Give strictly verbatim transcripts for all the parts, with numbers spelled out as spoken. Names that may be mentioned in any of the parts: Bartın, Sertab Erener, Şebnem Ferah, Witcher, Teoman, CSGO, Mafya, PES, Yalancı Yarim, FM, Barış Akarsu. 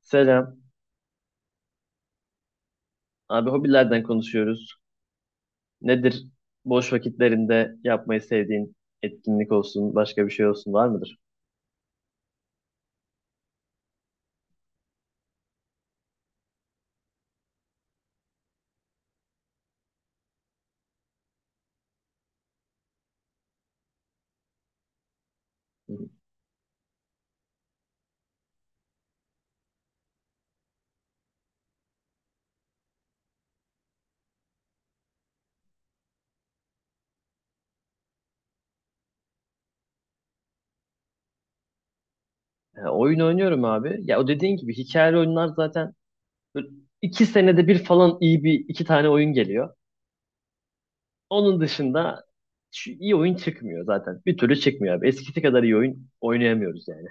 Selam. Abi hobilerden konuşuyoruz. Nedir boş vakitlerinde yapmayı sevdiğin etkinlik olsun, başka bir şey olsun var mıdır? Hı hı. Ya, oyun oynuyorum abi. Ya o dediğin gibi hikayeli oyunlar zaten böyle iki senede bir falan iyi bir iki tane oyun geliyor. Onun dışında şu iyi oyun çıkmıyor zaten. Bir türlü çıkmıyor abi. Eskisi kadar iyi oyun oynayamıyoruz yani.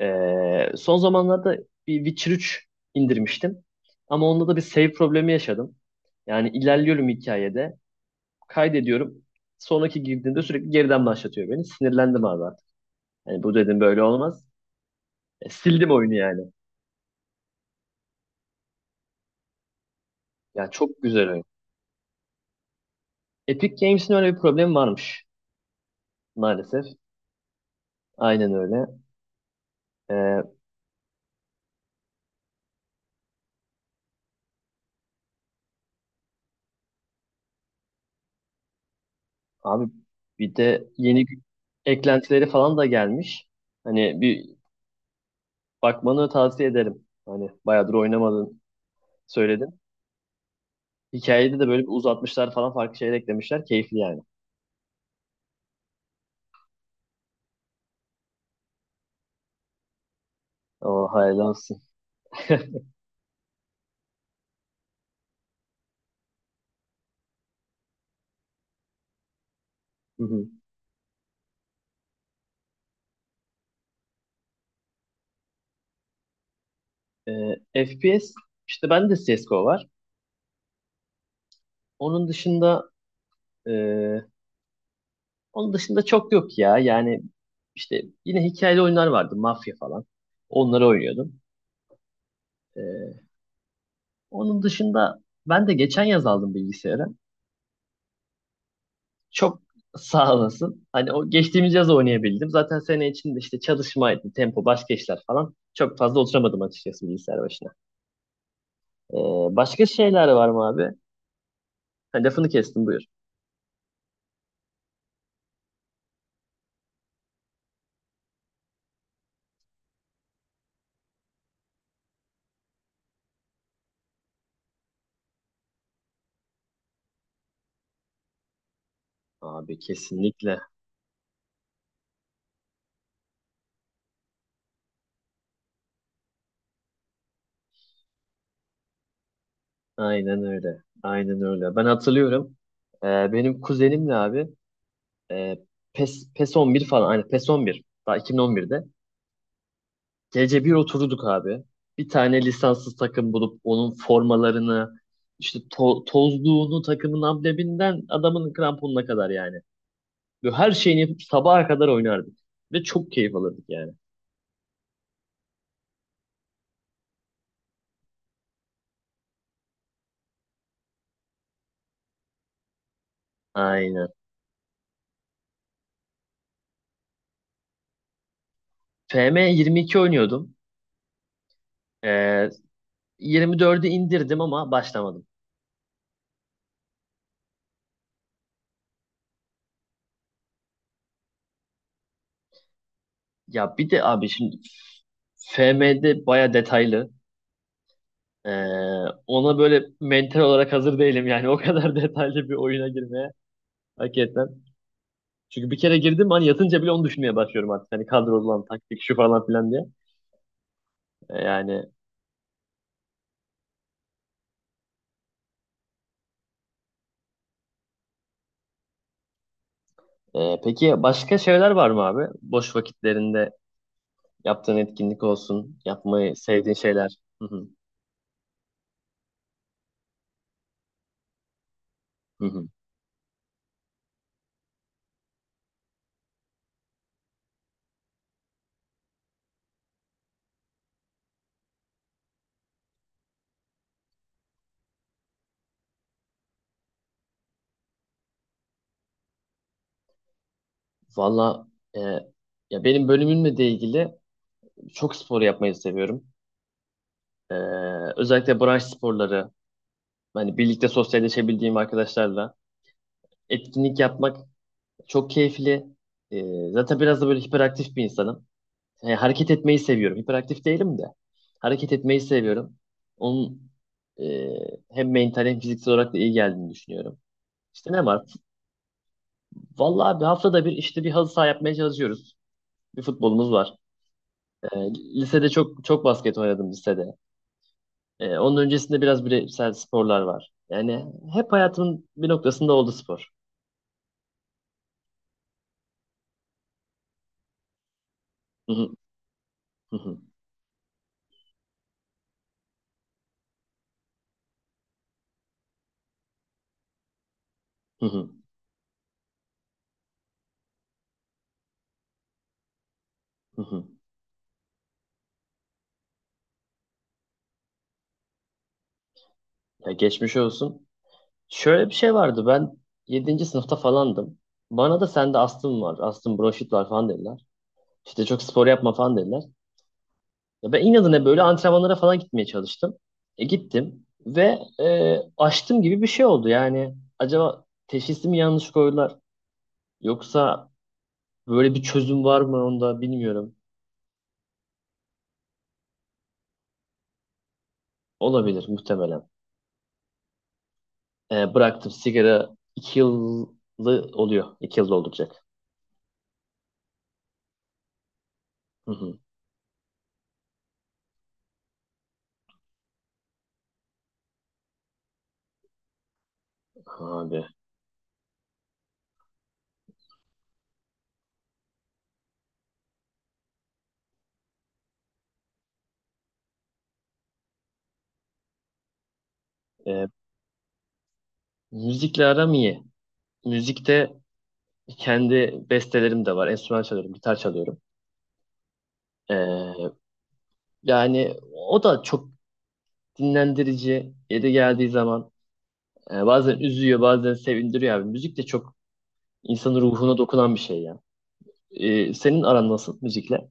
Ee, son zamanlarda bir Witcher üç indirmiştim. Ama onda da bir save problemi yaşadım. Yani ilerliyorum hikayede. Kaydediyorum. Sonraki girdiğinde sürekli geriden başlatıyor beni. Sinirlendim abi artık. Hani bu dedim böyle olmaz. E, sildim oyunu yani. Ya çok güzel oyun. Epic Games'in öyle bir problemi varmış maalesef. Aynen öyle. E, abi bir de yeni gü- eklentileri falan da gelmiş. Hani bir bakmanı tavsiye ederim. Hani bayağıdır oynamadın söyledin. Hikayede de böyle bir uzatmışlar falan farklı şeyler eklemişler. Keyifli yani. O hayırlı olsun. Hı hı. E, F P S işte ben de C S G O var. Onun dışında e, onun dışında çok yok ya. Yani işte yine hikayeli oyunlar vardı. Mafya falan. Onları oynuyordum. E, onun dışında ben de geçen yaz aldım bilgisayarı. Çok sağ olasın. Hani o geçtiğimiz yaz oynayabildim. Zaten sene içinde işte çalışmaydı, tempo, başka işler falan. Çok fazla oturamadım açıkçası bilgisayar başına. E, başka şeyler var mı abi? Ha, lafını kestim buyur. Abi kesinlikle. Aynen öyle. Aynen öyle. Ben hatırlıyorum. Ee, benim kuzenimle abi, E, PES, PES on bir falan. Aynen PES on bir. Daha iki bin on birde. Gece bir oturduk abi. Bir tane lisanssız takım bulup onun formalarını işte to- tozluğunu takımın ambleminden adamın kramponuna kadar yani. Ve her şeyini yapıp sabaha kadar oynardık. Ve çok keyif alırdık yani. Aynen. F M yirmi iki oynuyordum. Ee, yirmi dördü indirdim ama başlamadım. Ya bir de abi şimdi F M'de baya detaylı. Ee, ona böyle mental olarak hazır değilim yani o kadar detaylı bir oyuna girmeye hakikaten. Çünkü bir kere girdim hani yatınca bile onu düşünmeye başlıyorum artık. Hani kadrolan taktik şu falan filan diye. Ee, yani e, peki başka şeyler var mı abi? Boş vakitlerinde yaptığın etkinlik olsun, yapmayı sevdiğin şeyler. Hı hı, hı hı. Valla e, ya benim bölümümle de ilgili çok spor yapmayı seviyorum. Ee, özellikle branş sporları, hani birlikte sosyalleşebildiğim arkadaşlarla etkinlik yapmak çok keyifli. Ee, zaten biraz da böyle hiperaktif bir insanım. Yani hareket etmeyi seviyorum. Hiperaktif değilim de. Hareket etmeyi seviyorum. Onun e, hem mental hem fiziksel olarak da iyi geldiğini düşünüyorum. İşte ne var? Vallahi bir haftada bir işte bir halı saha yapmaya çalışıyoruz. Bir futbolumuz var. Ee, lisede çok çok basket oynadım lisede. Ee, onun öncesinde biraz bireysel sporlar var. Yani hep hayatımın bir noktasında oldu spor. Hı hı, hı hı, hı hı, hı hı. Ya geçmiş olsun. Şöyle bir şey vardı. Ben yedinci sınıfta falandım. Bana da sende astım var, astım bronşit var falan dediler. İşte çok spor yapma falan dediler. Ya ben inadına böyle antrenmanlara falan gitmeye çalıştım. E gittim ve e, açtım gibi bir şey oldu. Yani acaba teşhisi mi yanlış koydular yoksa böyle bir çözüm var mı onda bilmiyorum. Olabilir muhtemelen. E, bıraktım sigara iki yıllı oluyor. İki yılda olacak. Hı hı. Abi. E, müzikle aram iyi. Müzikte kendi bestelerim de var. Enstrüman çalıyorum, gitar çalıyorum. Ee, yani o da çok dinlendirici. Yeri geldiği zaman e, bazen üzüyor, bazen sevindiriyor abi. Müzik de çok insanın ruhuna dokunan bir şey ya. Ee, senin aran nasıl müzikle?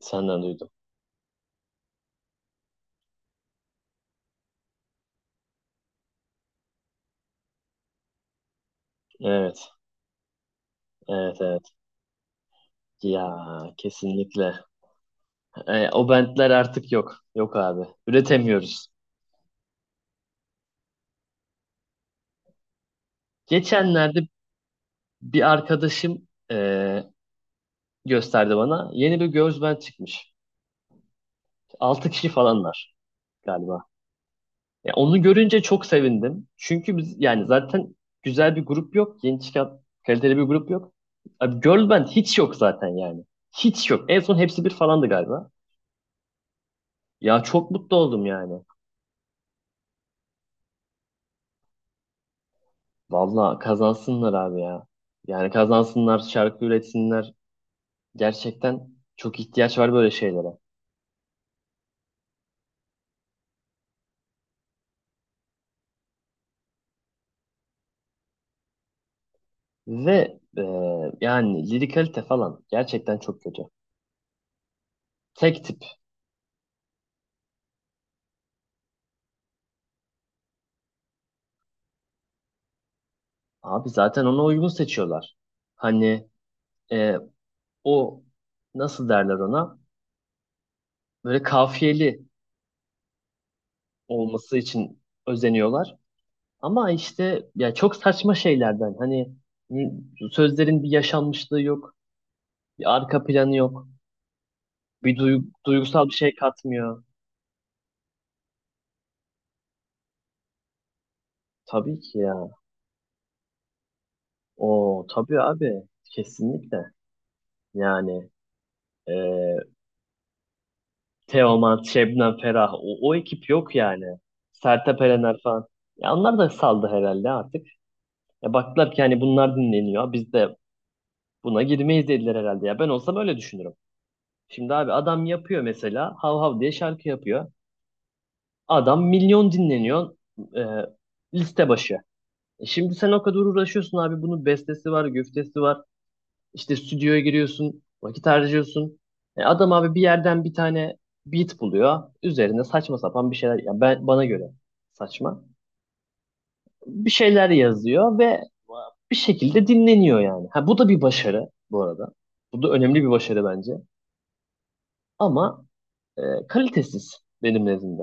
Senden duydum. Evet, evet, evet. Ya kesinlikle. Ee, o bentler artık yok. Yok abi. Üretemiyoruz. Geçenlerde bir arkadaşım e, gösterdi bana. Yeni bir girls band çıkmış. Altı kişi falanlar, galiba. Ya onu görünce çok sevindim. Çünkü biz yani zaten güzel bir grup yok. Yeni çıkan kaliteli bir grup yok. Abi girl band hiç yok zaten yani. Hiç yok. En son hepsi bir falandı galiba. Ya çok mutlu oldum yani. Valla kazansınlar abi ya. Yani kazansınlar, şarkı üretsinler. Gerçekten çok ihtiyaç var böyle şeylere. Ve e, yani lirikalite falan gerçekten çok kötü. Tek tip. Abi zaten ona uygun seçiyorlar. Hani e, o nasıl derler ona böyle kafiyeli olması için özeniyorlar. Ama işte ya çok saçma şeylerden hani m- sözlerin bir yaşanmışlığı yok, bir arka planı yok, bir duy- duygusal bir şey katmıyor. Tabii ki ya. O tabii abi kesinlikle. Yani e, Teoman, Şebnem Ferah o, o ekip yok yani. Sertab Erener falan. Ya onlar da saldı herhalde artık. Ya baktılar ki hani bunlar dinleniyor. Biz de buna girmeyiz dediler herhalde ya. Ben olsam öyle düşünürüm. Şimdi abi adam yapıyor mesela. Hav hav diye şarkı yapıyor. Adam milyon dinleniyor, e, liste başı. E şimdi sen o kadar uğraşıyorsun abi. Bunun bestesi var, güftesi var. İşte stüdyoya giriyorsun. Vakit harcıyorsun. E adam abi bir yerden bir tane beat buluyor. Üzerine saçma sapan bir şeyler. Ya ben bana göre saçma. Bir şeyler yazıyor ve bir şekilde dinleniyor yani. Ha, bu da bir başarı bu arada. Bu da önemli bir başarı bence. Ama e, kalitesiz benim nezdimde.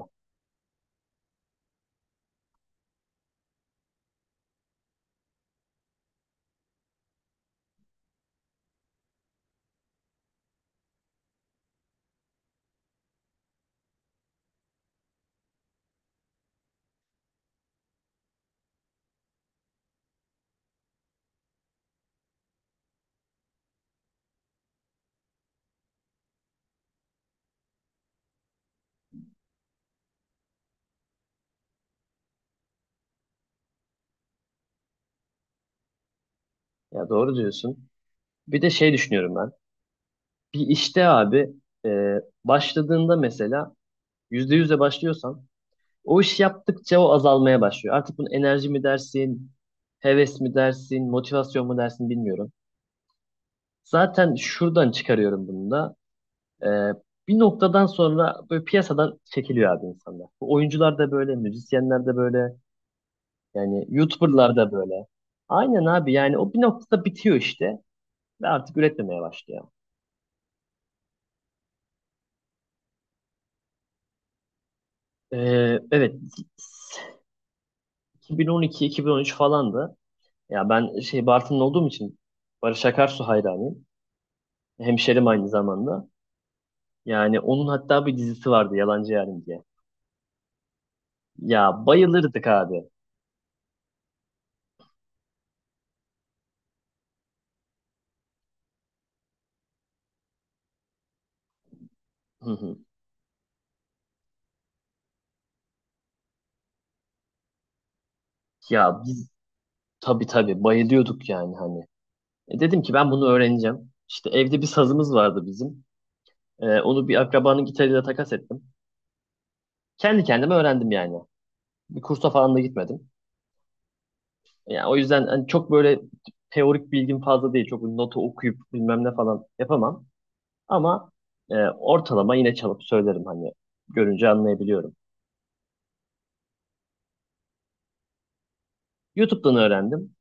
Ya doğru diyorsun. Bir de şey düşünüyorum ben. Bir işte abi e, başladığında mesela yüzde yüzle başlıyorsan o iş yaptıkça o azalmaya başlıyor. Artık bunu enerji mi dersin, heves mi dersin, motivasyon mu dersin bilmiyorum. Zaten şuradan çıkarıyorum bunu da. E, bir noktadan sonra böyle piyasadan çekiliyor abi insanlar. Bu oyuncular da böyle, müzisyenler de böyle, yani YouTuber'lar da böyle. Aynen abi yani o bir noktada bitiyor işte. Ve artık üretmemeye başlıyor. Ee, evet iki bin on iki-iki bin on üç falandı. Ya ben şey Bartın'da olduğum için Barış Akarsu hayranıyım. Hemşerim aynı zamanda. Yani onun hatta bir dizisi vardı Yalancı Yarim diye. Ya bayılırdık abi. Hı hı. Ya biz tabii tabii bayılıyorduk yani hani. E dedim ki ben bunu öğreneceğim. İşte evde bir sazımız vardı bizim. E, onu bir akrabanın gitarıyla takas ettim. Kendi kendime öğrendim yani. Bir kursa falan da gitmedim. Yani o yüzden hani çok böyle teorik bilgim fazla değil. Çok notu okuyup bilmem ne falan yapamam. Ama e, ortalama yine çalıp söylerim hani görünce anlayabiliyorum. YouTube'dan öğrendim.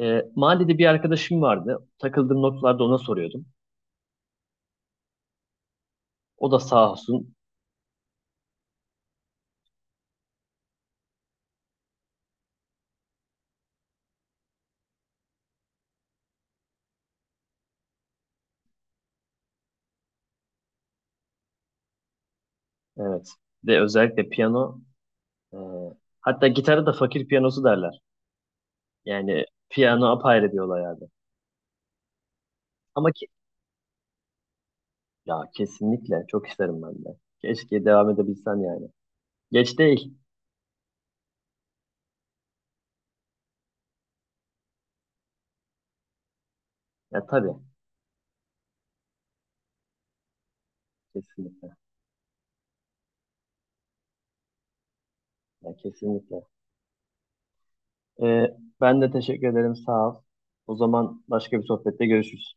E, mahallede bir arkadaşım vardı. Takıldığım noktalarda ona soruyordum. O da sağ olsun. Evet. Ve özellikle piyano e, hatta gitara da fakir piyanosu derler. Yani piyano apayrı bir olay abi. Ama ki, ya kesinlikle çok isterim ben de. Keşke devam edebilsen yani. Geç değil. Ya tabii. Kesinlikle. Ya kesinlikle. Ee, ben de teşekkür ederim. Sağ ol. O zaman başka bir sohbette görüşürüz.